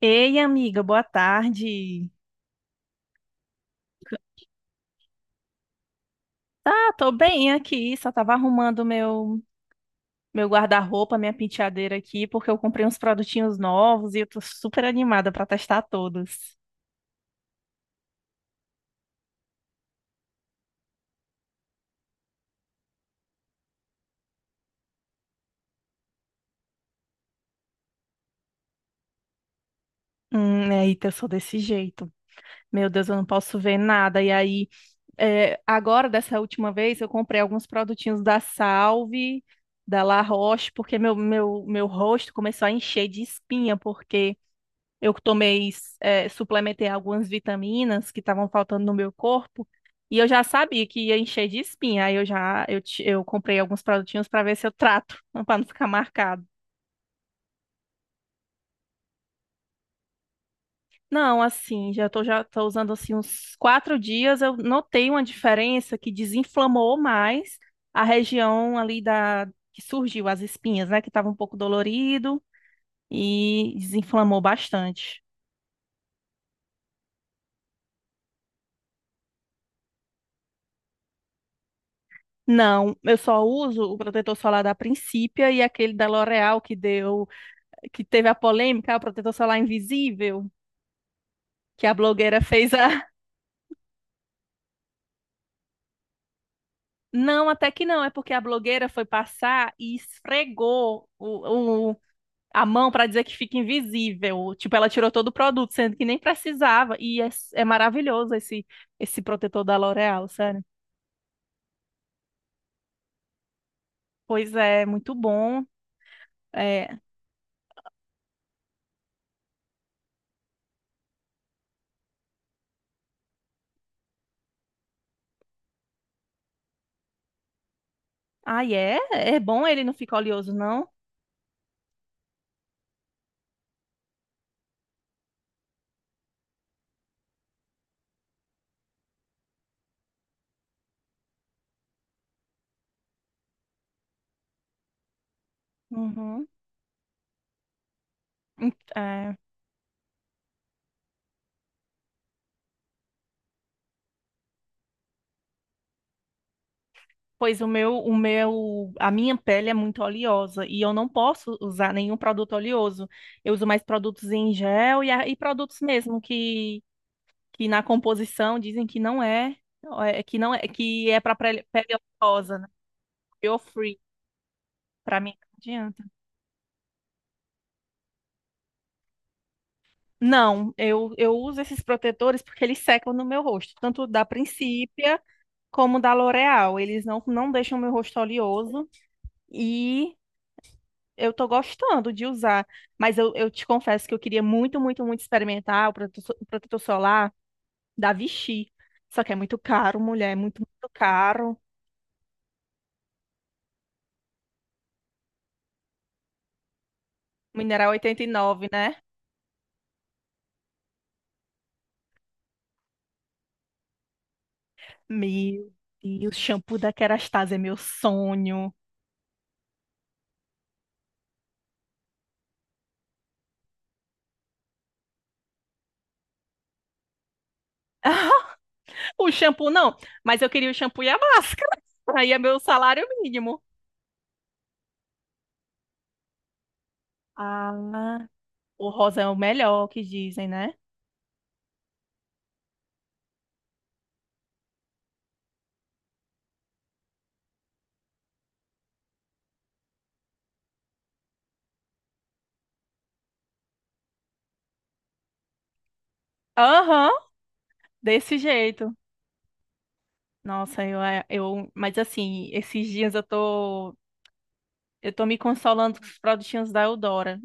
Ei, amiga, boa tarde. Tá, tô bem aqui, só tava arrumando meu guarda-roupa, minha penteadeira aqui, porque eu comprei uns produtinhos novos e eu tô super animada pra testar todos. Eita, eu sou desse jeito. Meu Deus, eu não posso ver nada. E aí, agora, dessa última vez, eu comprei alguns produtinhos da Salve, da La Roche, porque meu rosto começou a encher de espinha, porque eu tomei, suplementei algumas vitaminas que estavam faltando no meu corpo e eu já sabia que ia encher de espinha. Aí eu já eu, ti- eu comprei alguns produtinhos para ver se eu trato, para não ficar marcado. Não, assim, já tô usando assim uns quatro dias. Eu notei uma diferença que desinflamou mais a região ali da que surgiu as espinhas, né? Que estava um pouco dolorido e desinflamou bastante. Não, eu só uso o protetor solar da Principia e aquele da L'Oréal que deu, que teve a polêmica: "Ah, o protetor solar invisível, que a blogueira fez a." Não, até que não, é porque a blogueira foi passar e esfregou a mão para dizer que fica invisível. Tipo, ela tirou todo o produto, sendo que nem precisava. E é maravilhoso esse protetor da L'Oréal, sério. Pois é, muito bom. É... Ai, é? É bom, ele não fica oleoso, não? Uhum. É. Pois o meu, a minha pele é muito oleosa e eu não posso usar nenhum produto oleoso. Eu uso mais produtos em gel e, e produtos mesmo que na composição dizem que não é, que não é, que é para pele oleosa, né? Oil-free, para mim não adianta. Não, eu uso esses protetores porque eles secam no meu rosto, tanto da Principia como da L'Oréal. Eles não deixam meu rosto oleoso e eu tô gostando de usar, mas eu te confesso que eu queria muito, muito, muito experimentar o protetor solar da Vichy. Só que é muito caro, mulher, é muito, muito caro. Mineral 89, né? Meu Deus, shampoo da Kerastase é meu sonho. O shampoo não, mas eu queria o shampoo e a máscara. Aí é meu salário mínimo. Ah, o rosa é o melhor, que dizem, né? Aham, desse jeito. Nossa, mas assim, esses dias eu tô. Eu tô me consolando com os produtinhos da Eudora.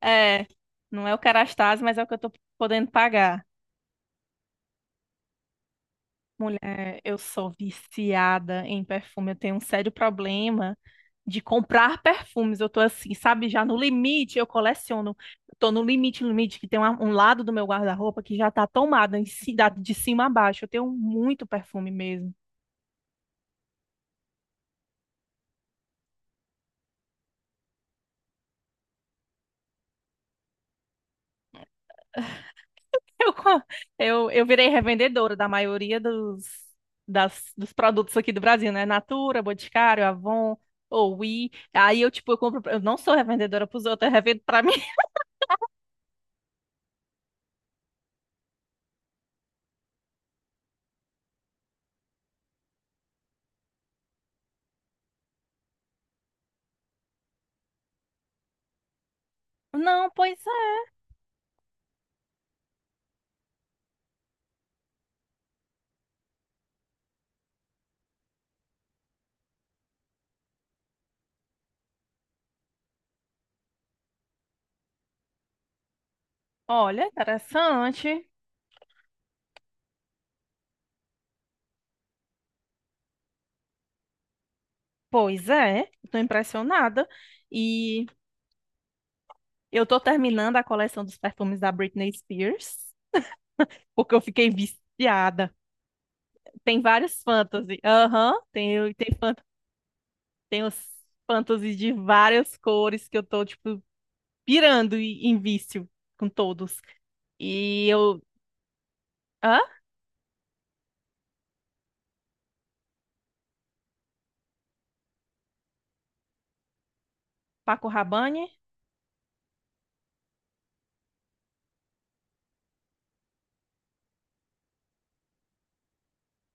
É, não é o Kerastase, mas é o que eu tô podendo pagar. Mulher, eu sou viciada em perfume. Eu tenho um sério problema de comprar perfumes. Eu tô assim, sabe, já no limite, eu coleciono. Eu tô no limite, limite, que tem um lado do meu guarda-roupa que já tá tomado de cima a baixo. Eu tenho muito perfume mesmo. Eu, co- eu virei revendedora da maioria dos produtos aqui do Brasil, né? Natura, Boticário, Avon, Oui. Aí eu, tipo, eu compro. Eu não sou revendedora pros outros, eu revendo pra mim. Não, pois é. Olha, interessante. Pois é, tô impressionada. E eu tô terminando a coleção dos perfumes da Britney Spears, porque eu fiquei viciada. Tem vários fantasy. Aham, tem os fantasies de várias cores que eu tô, tipo, pirando em vício com todos. E eu. Hã? Paco Rabanne?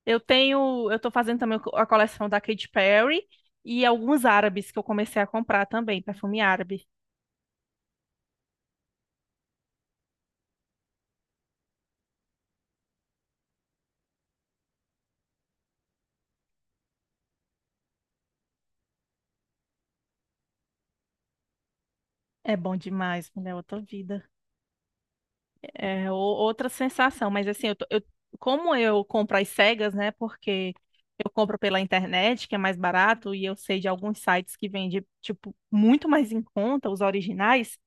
Eu tenho. Eu tô fazendo também a coleção da Katy Perry e alguns árabes que eu comecei a comprar também, perfume árabe. É bom demais, mulher, outra vida. Outra sensação. Mas assim, como eu compro às cegas, né? Porque eu compro pela internet, que é mais barato, e eu sei de alguns sites que vendem, tipo, muito mais em conta, os originais.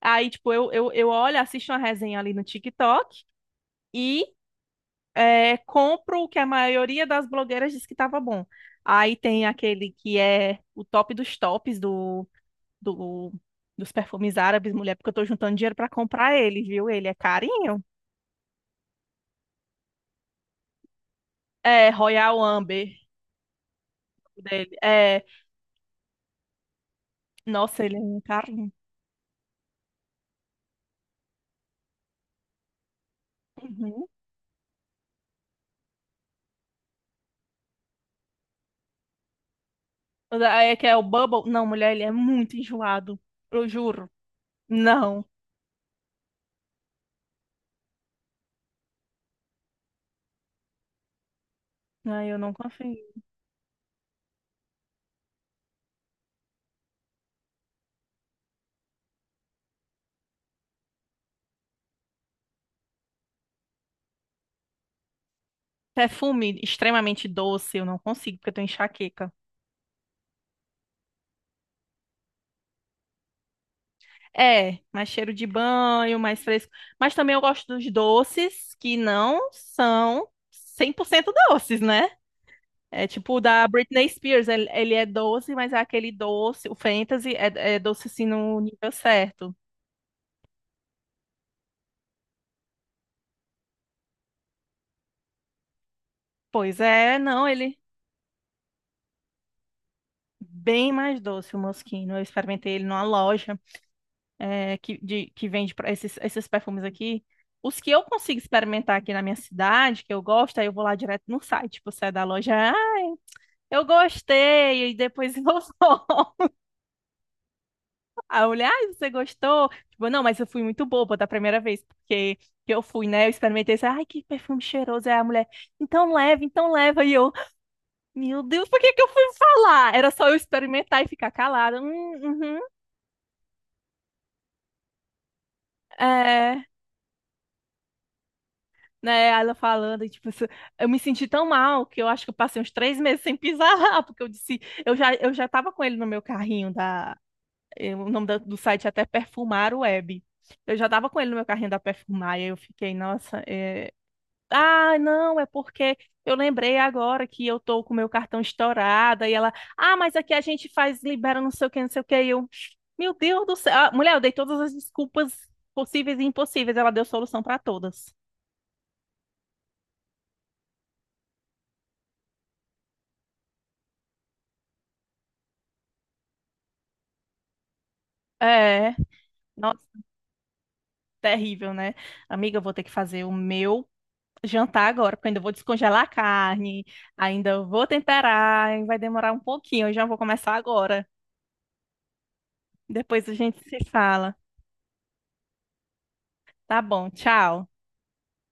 Aí, tipo, eu olho, assisto uma resenha ali no TikTok. E compro o que a maioria das blogueiras diz que estava bom. Aí tem aquele que é o top dos tops do- dos perfumes árabes, mulher, porque eu tô juntando dinheiro para comprar ele, viu? Ele é carinho. É, Royal Amber o dele. É, nossa, ele é um carinho. Uhum. É que é o Bubble. Não, mulher, ele é muito enjoado. Eu juro. Não. Ai, eu não confio. Perfume extremamente doce, eu não consigo, porque eu tenho enxaqueca. É, mais cheiro de banho, mais fresco. Mas também eu gosto dos doces que não são 100% doces, né? É tipo o da Britney Spears, ele é doce, mas é aquele doce, o Fantasy é doce assim no nível certo. Pois é, não, ele é bem mais doce o Moschino. Eu experimentei ele numa loja que vende pra esses perfumes aqui. Os que eu consigo experimentar aqui na minha cidade, que eu gosto, aí eu vou lá direto no site, tipo, sai da loja. Eu gostei, e depois inovou. Aí eu vou. A mulher, ai, você gostou? Tipo, não, mas eu fui muito boba da primeira vez, porque que eu fui, né? Eu experimentei, assim, ai, que perfume cheiroso. É, a mulher, então leva, então leva. E eu, meu Deus, por que que eu fui falar? Era só eu experimentar e ficar calada. Uhum, é, né? Aí ela falando, e, tipo, eu me senti tão mal que eu acho que eu passei uns três meses sem pisar lá, porque eu disse, eu já tava com ele no meu carrinho. O nome do site é até Perfumar Web. Eu já tava com ele no meu carrinho da Perfumar, e aí eu fiquei, nossa, é... Ah, não, é porque eu lembrei agora que eu tô com o meu cartão estourado, e ela, ah, mas aqui a gente faz, libera não sei o que, não sei o que, e eu, meu Deus do céu. Ah, mulher, eu dei todas as desculpas possíveis e impossíveis, ela deu solução pra todas. É, nossa, terrível, né? Amiga, eu vou ter que fazer o meu jantar agora, porque eu ainda vou descongelar a carne, ainda vou temperar, e vai demorar um pouquinho, eu já vou começar agora. Depois a gente se fala. Tá bom, tchau.